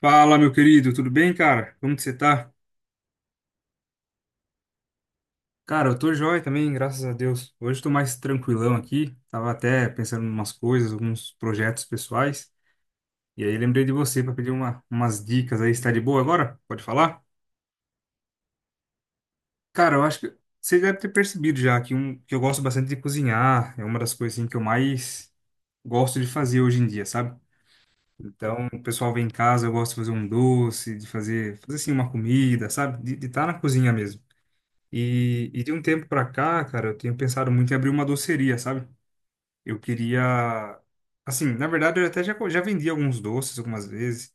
Fala, meu querido, tudo bem, cara? Como que você tá? Cara, eu tô joia também, graças a Deus. Hoje eu tô mais tranquilão aqui. Tava até pensando em umas coisas, alguns projetos pessoais. E aí lembrei de você pra pedir umas dicas aí. Você tá de boa agora? Pode falar? Cara, eu acho que você deve ter percebido já que eu gosto bastante de cozinhar. É uma das coisas assim, que eu mais gosto de fazer hoje em dia, sabe? Então, o pessoal vem em casa, eu gosto de fazer um doce, de fazer assim uma comida, sabe? De estar na cozinha mesmo. E de um tempo pra cá, cara, eu tenho pensado muito em abrir uma doceria, sabe? Eu queria. Assim, na verdade, eu até já vendi alguns doces algumas vezes.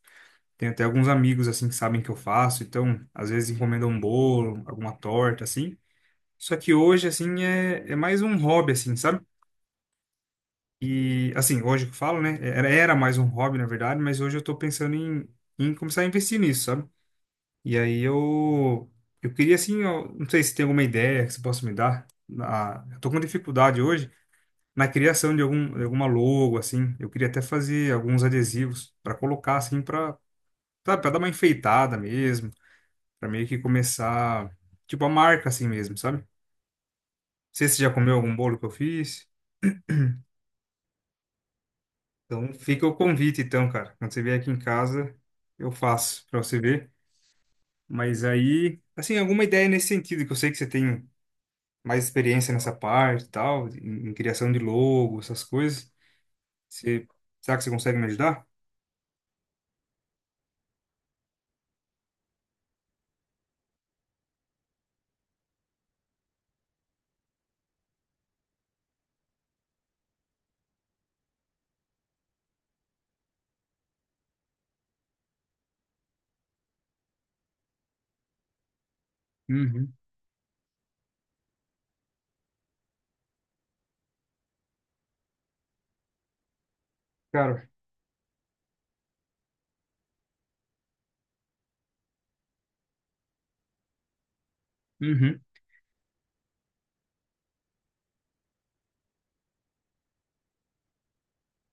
Tenho até alguns amigos, assim, que sabem que eu faço. Então, às vezes, encomendam um bolo, alguma torta, assim. Só que hoje, assim, é mais um hobby, assim, sabe? E, assim, hoje que eu falo, né? Era mais um hobby, na verdade, mas hoje eu tô pensando em começar a investir nisso, sabe? E aí eu queria assim, eu não sei se tem alguma ideia que você possa me dar. Eu tô com dificuldade hoje na criação de alguma logo assim. Eu queria até fazer alguns adesivos para colocar assim para sabe, para dar uma enfeitada mesmo, para meio que começar tipo a marca assim mesmo, sabe? Não sei se você já comeu algum bolo que eu fiz. Então fica o convite então, cara. Quando você vier aqui em casa, eu faço para você ver. Mas aí, assim, alguma ideia nesse sentido que eu sei que você tem mais experiência nessa parte e tal, em criação de logo, essas coisas. Você, Será que você consegue me ajudar? Uhum. Cara, uhum,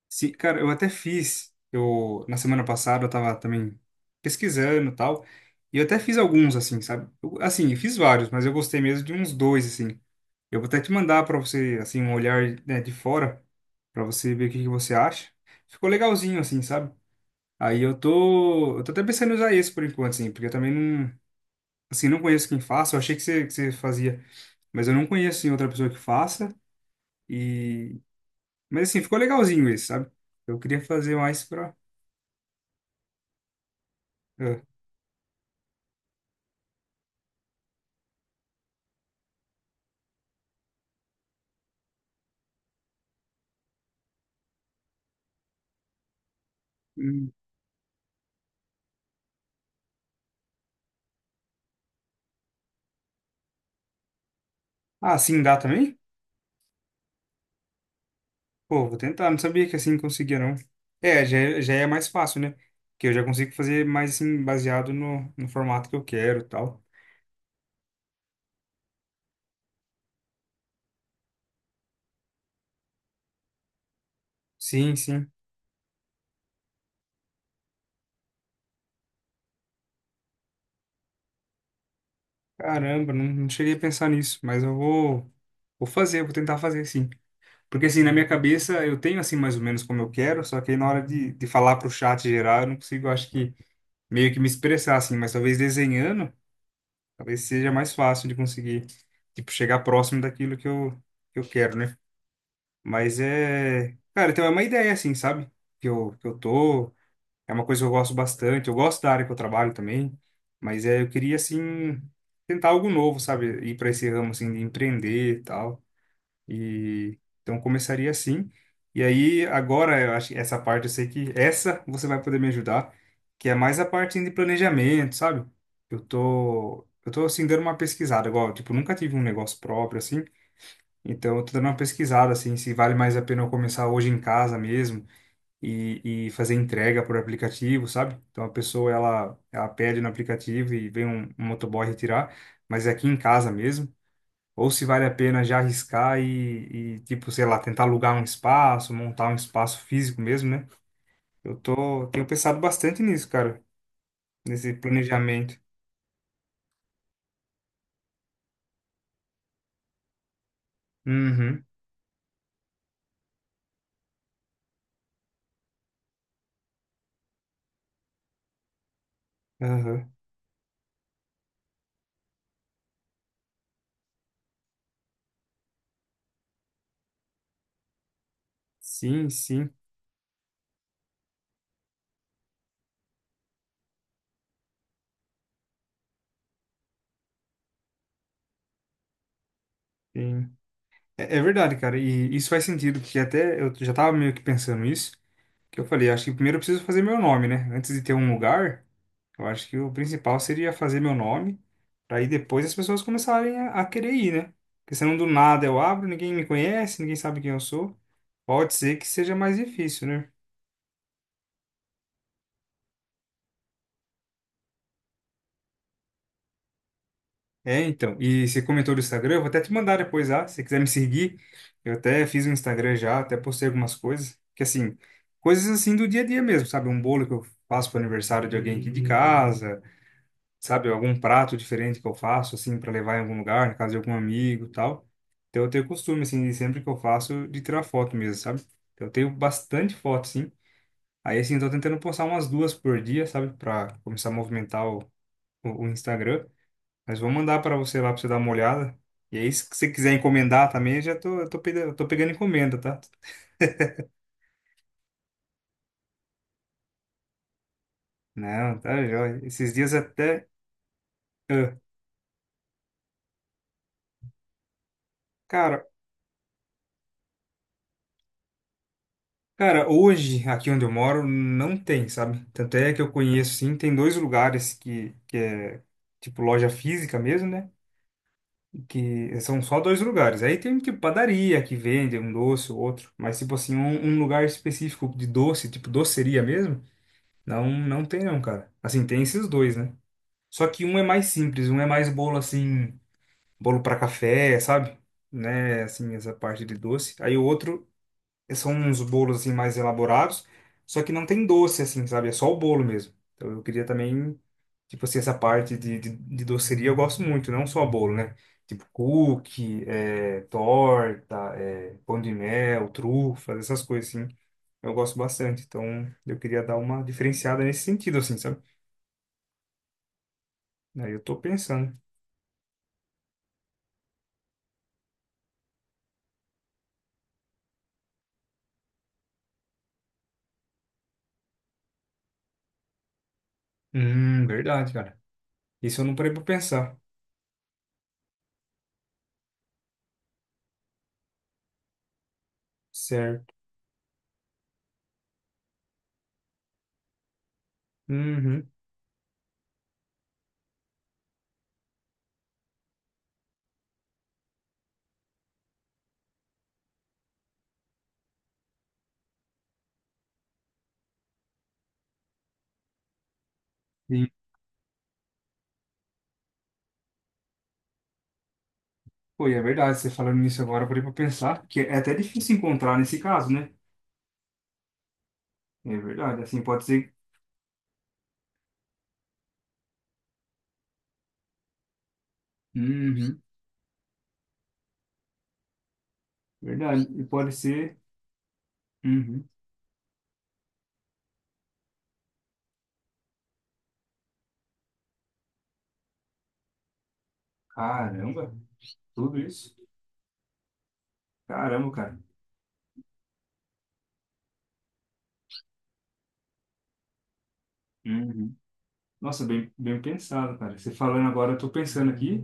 sim, cara, eu até fiz. Na semana passada, eu tava também pesquisando e tal. E eu até fiz alguns, assim, sabe? Assim, eu fiz vários, mas eu gostei mesmo de uns dois, assim. Eu vou até te mandar pra você, assim, um olhar, né, de fora, pra você ver o que que você acha. Ficou legalzinho, assim, sabe? Aí eu tô até pensando em usar esse por enquanto, assim, porque eu também não. Assim, não conheço quem faça, eu achei que você fazia, mas eu não conheço assim, outra pessoa que faça. E... Mas assim, ficou legalzinho esse, sabe? Eu queria fazer mais pra. Ah, hum. Ah, sim, dá também? Pô, vou tentar, não sabia que assim conseguia, não. É, já é mais fácil, né? Porque eu já consigo fazer mais assim, baseado no formato que eu quero e tal. Sim, sim. Caramba, não, não cheguei a pensar nisso, mas eu vou tentar fazer sim. Porque assim, na minha cabeça eu tenho assim mais ou menos como eu quero, só que aí na hora de falar pro chat geral eu não consigo, acho que meio que me expressar assim, mas talvez desenhando, talvez seja mais fácil de conseguir, tipo, chegar próximo daquilo que eu quero, né? Mas é, cara, então é uma ideia assim, sabe? Que eu tô, é uma coisa que eu gosto bastante, eu gosto da área que eu trabalho também, mas é, eu queria assim tentar algo novo, sabe? Ir para esse ramo assim de empreender e tal. E então começaria assim. E aí agora eu acho que essa parte eu sei que essa você vai poder me ajudar, que é mais a parte de planejamento, sabe? Eu tô assim dando uma pesquisada, igual, tipo, nunca tive um negócio próprio assim. Então eu tô dando uma pesquisada assim, se vale mais a pena eu começar hoje em casa mesmo e fazer entrega por aplicativo, sabe? Então a pessoa ela pede no aplicativo e vem um motoboy retirar, mas é aqui em casa mesmo. Ou se vale a pena já arriscar e, tipo, sei lá, tentar alugar um espaço, montar um espaço físico mesmo, né? Tenho pensado bastante nisso, cara, nesse planejamento. Uhum, aham. Sim, sim, sim. É verdade, cara, e isso faz sentido, porque até eu já tava meio que pensando isso, que eu falei, acho que primeiro eu preciso fazer meu nome, né? Antes de ter um lugar, eu acho que o principal seria fazer meu nome, para aí depois as pessoas começarem a querer ir, né? Porque senão do nada eu abro, ninguém me conhece, ninguém sabe quem eu sou. Pode ser que seja mais difícil, né? É, então. E você comentou do Instagram, eu vou até te mandar depois lá, se você quiser me seguir. Eu até fiz um Instagram já, até postei algumas coisas. Que assim, coisas assim do dia a dia mesmo, sabe? Um bolo que eu faço para aniversário de alguém aqui de casa. Sabe, algum prato diferente que eu faço, assim, para levar em algum lugar, na casa de algum amigo e tal. Então eu tenho costume, assim, de sempre que eu faço, de tirar foto mesmo, sabe? Então eu tenho bastante foto, sim. Aí, assim, eu tô tentando postar umas duas por dia, sabe, para começar a movimentar o Instagram. Mas vou mandar para você lá para você dar uma olhada. E aí, se você quiser encomendar também, eu tô pegando encomenda, tá? Não, tá, joia. Esses dias até. ah, Cara, Cara, hoje, aqui onde eu moro, não tem, sabe? Tanto é que eu conheço, sim, tem dois lugares que é, tipo, loja física mesmo, né? Que são só dois lugares. Aí tem, tipo, padaria que vende um doce ou outro. Mas, tipo assim, um lugar específico de doce, tipo, doceria mesmo, não, não tem não, cara. Assim, tem esses dois, né? Só que um é mais simples, um é mais bolo, assim, bolo para café, sabe? Né? Assim, essa parte de doce. Aí o outro são uns bolos assim mais elaborados, só que não tem doce assim, sabe? É só o bolo mesmo. Então eu queria também, tipo assim, essa parte de doceria eu gosto muito, não só bolo, né? Tipo cookie, torta, pão de mel, trufas, essas coisas assim. Eu gosto bastante, então eu queria dar uma diferenciada nesse sentido, assim, sabe? Aí eu tô pensando. Verdade, cara. Isso eu não parei pra pensar. Certo. Uhum. Pô, e é verdade, você falando nisso agora, eu parei pra pensar que é até difícil encontrar nesse caso, né? É verdade, assim, pode ser. Uhum. Verdade, e pode ser. Uhum. Caramba, tudo isso? Caramba, cara. Uhum. Nossa, bem, bem pensado, cara. Você falando agora, eu tô pensando aqui.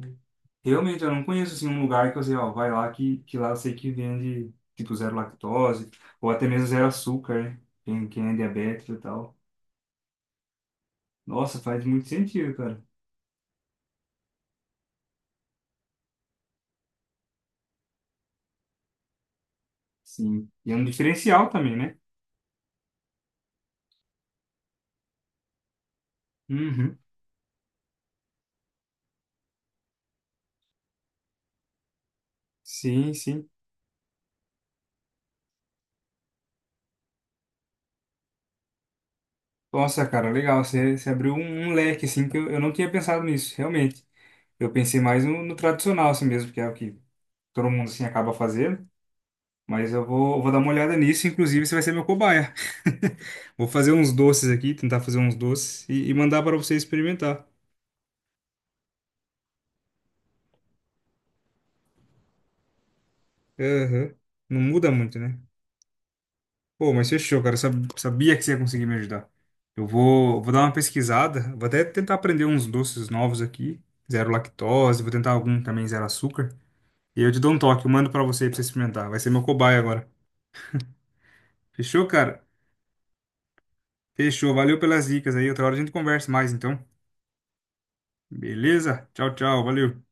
Realmente, eu não conheço, assim, um lugar que eu sei, ó, vai lá que lá eu sei que vende, tipo, zero lactose, ou até mesmo zero açúcar, né? Quem é diabético e tal. Nossa, faz muito sentido, cara. Sim. E é um diferencial também, né? Uhum. Sim, sim. Nossa, cara, legal. Você abriu um leque, assim, que eu não tinha pensado nisso, realmente. Eu pensei mais no tradicional, assim mesmo, que é o que todo mundo, assim, acaba fazendo. Mas eu vou dar uma olhada nisso. Inclusive, você vai ser meu cobaia. Vou fazer uns doces aqui, tentar fazer uns doces e mandar para você experimentar. Aham. Não muda muito, né? Pô, mas fechou, cara. Eu sabia que você ia conseguir me ajudar. Eu vou dar uma pesquisada. Vou até tentar aprender uns doces novos aqui. Zero lactose. Vou tentar algum também zero açúcar. E eu te dou um toque, eu mando pra você experimentar. Vai ser meu cobaia agora. Fechou, cara? Fechou. Valeu pelas dicas aí. Outra hora a gente conversa mais, então. Beleza? Tchau, tchau. Valeu.